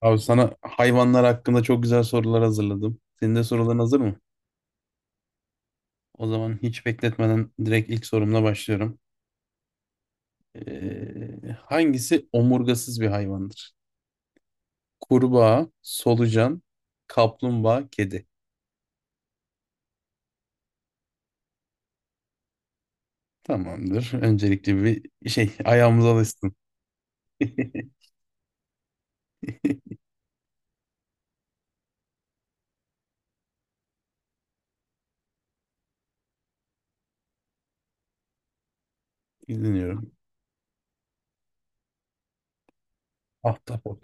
Abi sana hayvanlar hakkında çok güzel sorular hazırladım. Senin de soruların hazır mı? O zaman hiç bekletmeden direkt ilk sorumla başlıyorum. Hangisi omurgasız bir hayvandır? Kurbağa, solucan, kaplumbağa, kedi. Tamamdır. Öncelikle bir şey ayağımıza alışsın. Dinliyorum. Ahtapot.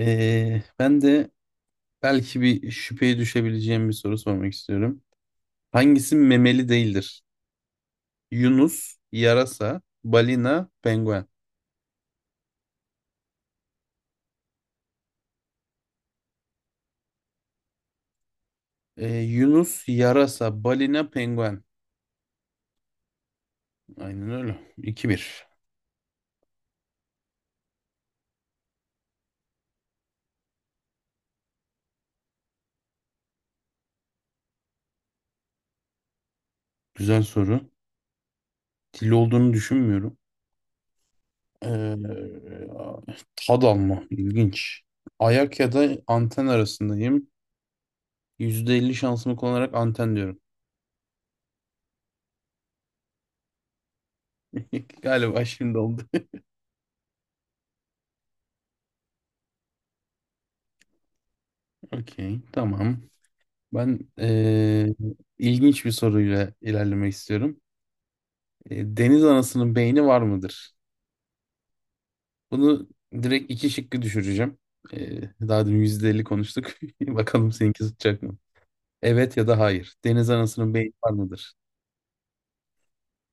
Ben de belki bir şüpheye düşebileceğim bir soru sormak istiyorum. Hangisi memeli değildir? Yunus, yarasa, balina, penguen. Yunus yarasa, balina, penguen. Aynen öyle. 2 bir. Güzel soru. Dil olduğunu düşünmüyorum. Ee, tad alma. İlginç. Ayak ya da anten arasındayım. %50 şansımı kullanarak anten diyorum. Galiba şimdi oldu. Okey, tamam. Ben ilginç bir soruyla ilerlemek istiyorum. Deniz anasının beyni var mıdır? Bunu direkt iki şıkkı düşüreceğim. Daha dün %50 konuştuk. Bakalım seninki tutacak mı? Evet ya da hayır. Deniz anasının beyni var mıdır?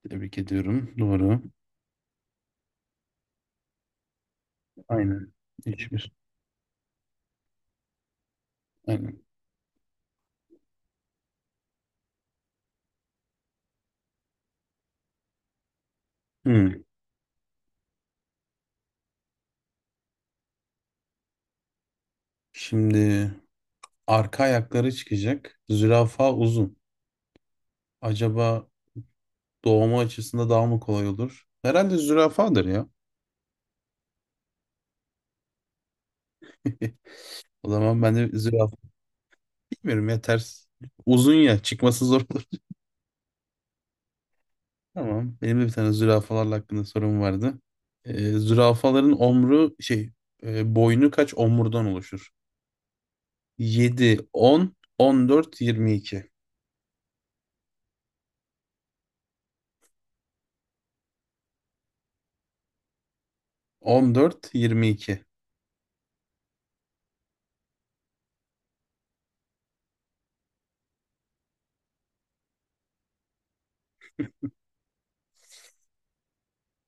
Tebrik ediyorum. Doğru. Aynen. 3-1. Aynen. Hmm. Şimdi arka ayakları çıkacak. Zürafa uzun. Acaba doğumu açısında daha mı kolay olur? Herhalde zürafadır ya. O zaman ben de zürafa bilmiyorum ya ters. Uzun ya çıkması zor. Olur. Tamam. Benim de bir tane zürafalarla hakkında sorum vardı. Zürafaların omru şey boynu kaç omurdan oluşur? Yedi, 10, 14, 22. On dört, yirmi iki.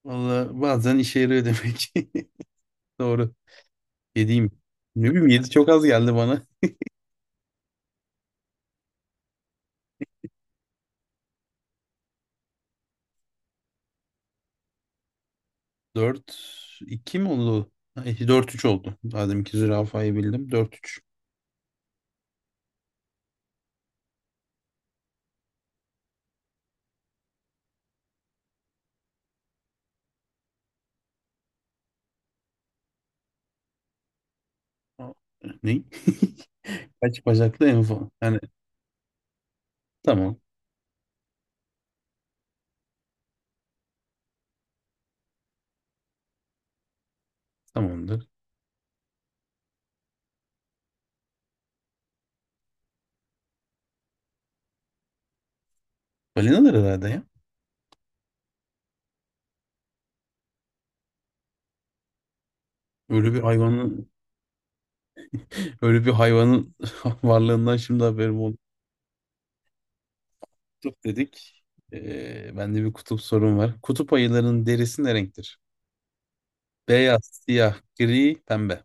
Valla bazen işe yarıyor demek ki. Doğru. 7'yim. Ne bileyim, yedi çok az geldi bana. 4, 2 mi oldu? Ay, 4 3 oldu. Madem ki zürafayı bildim. Dört üç. Ne? Kaç bacaklı en fazla? Yani tamam. Tamamdır. Balinalar herhalde ya. Öyle bir hayvanın öyle bir hayvanın varlığından şimdi haberim oldu. Kutup dedik. Bende bir kutup sorun var. Kutup ayılarının derisi ne renktir? Beyaz, siyah, gri, pembe.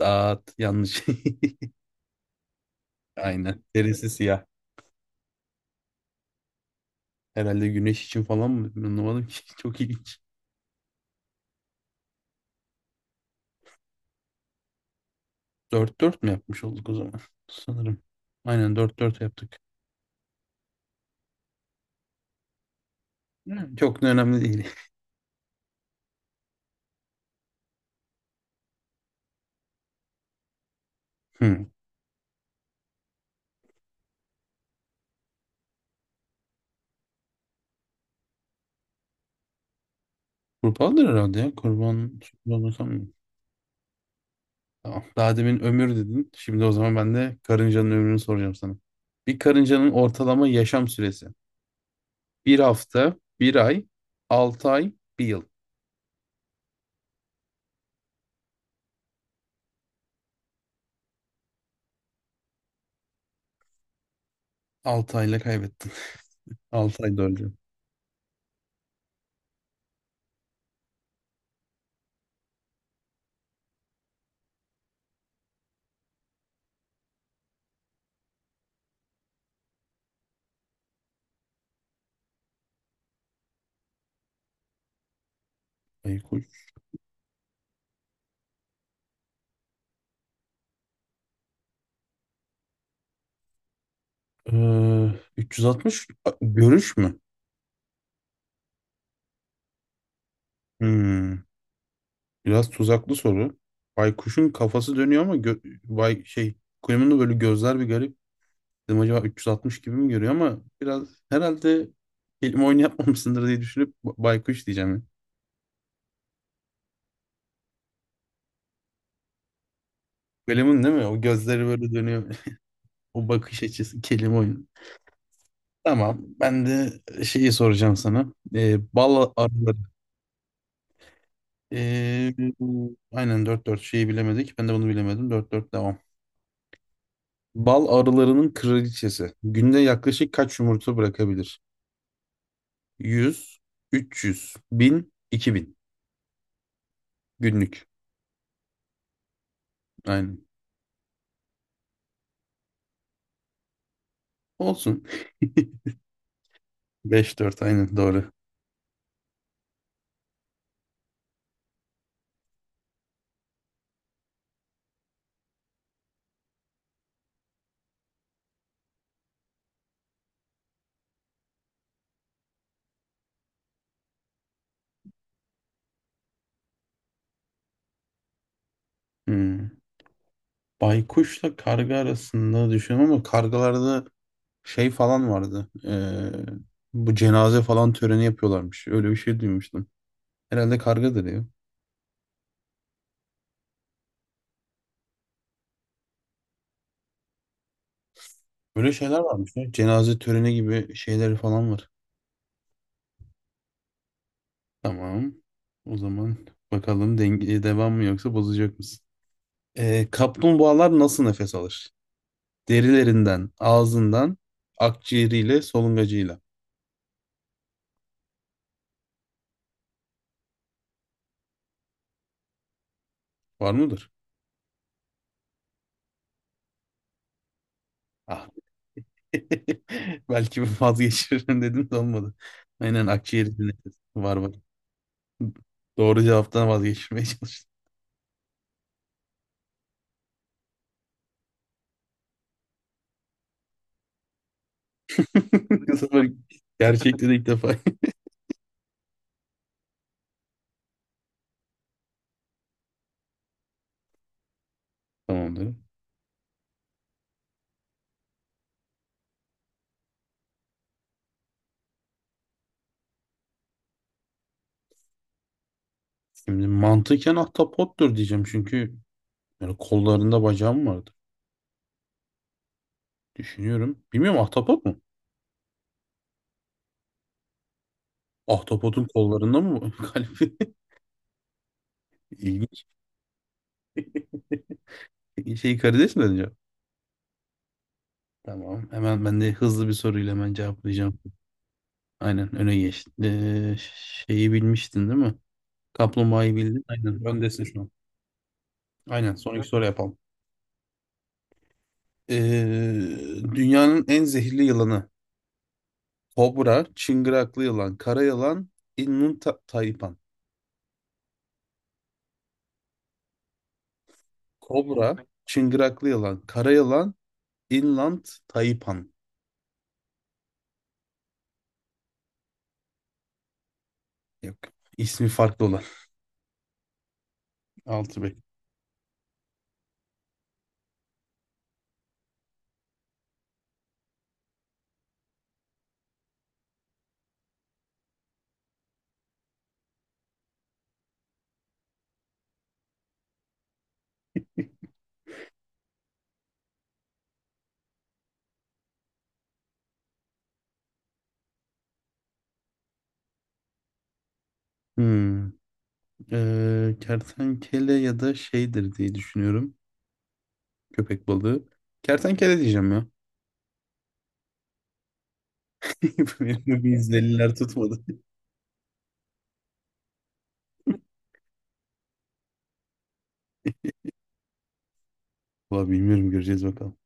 Dağıt, yanlış. Aynen. Derisi siyah. Herhalde güneş için falan mı? Anlamadım ki. Çok ilginç. Dört dört mü yapmış olduk o zaman? Sanırım. Aynen dört dört yaptık. Yani çok da önemli değil. Hmm. Kurbandır herhalde ya. Kurban olsam. Tamam. Daha demin ömür dedin. Şimdi o zaman ben de karıncanın ömrünü soracağım sana. Bir karıncanın ortalama yaşam süresi. Bir hafta, bir ay, 6 ay, bir yıl. Altı ayla kaybettin. Altı ay dördü. Ay kuş. Ee, 360 görüş mü? Hmm, biraz tuzaklı soru. Baykuşun kafası dönüyor ama bay şey kuyumun da böyle gözler bir garip. Dedim acaba 360 gibi mi görüyor ama biraz herhalde kelime oyunu yapmamışsındır diye düşünüp baykuş diyeceğim. Golem'in değil mi? O gözleri böyle dönüyor. O bakış açısı kelime oyunu. Tamam. Ben de şeyi soracağım sana. Bal arıları. Ee, aynen dört dört şeyi bilemedik. Ben de bunu bilemedim. Dört dört devam. Bal arılarının kraliçesi. Günde yaklaşık kaç yumurta bırakabilir? 100, 300, 1000, 2000 günlük. Aynen. Olsun. Beş dört aynen doğru. Hmm. Baykuşla karga arasında düşünüyorum ama kargalarda şey falan vardı. Bu cenaze falan töreni yapıyorlarmış. Öyle bir şey duymuştum. Herhalde kargadır ya. Böyle şeyler varmış ya. Cenaze töreni gibi şeyleri falan var. Tamam. O zaman bakalım denge devam mı yoksa bozacak mısın? Kaplumbağalar nasıl nefes alır? Derilerinden, ağzından, akciğeriyle, solungacıyla. Var mıdır? Ah. Belki vazgeçirim dedim de olmadı. Aynen akciğeri dinledim. Var var. Doğru cevaptan vazgeçmeye çalıştım. Bu sefer gerçekte ilk defa. Tamamdır. Şimdi mantıken ahtapottur diyeceğim çünkü yani kollarında bacağım vardı. Düşünüyorum. Bilmiyorum, ahtapot mu? Ahtapotun kollarında mı kalbi? İlginç. Şey, karides mi dedin cevap? Tamam. Hemen ben de hızlı bir soruyla hemen cevaplayacağım. Aynen öne geçti. Şeyi bilmiştin değil mi? Kaplumbağayı bildin. Aynen. Öndesin şu an. Aynen. Son iki soru yapalım. Dünyanın en zehirli yılanı. Kobra, çıngıraklı yılan, kara yılan, inland taipan. Kobra, çıngıraklı yılan, kara yılan, inland taipan. Yok. İsmi farklı olan. Altı bek. Hmm. Kertenkele ya da şeydir diye düşünüyorum. Köpek balığı. Kertenkele diyeceğim ya. Benim de bir izlenimler tutmadı. Valla bilmiyorum, göreceğiz bakalım.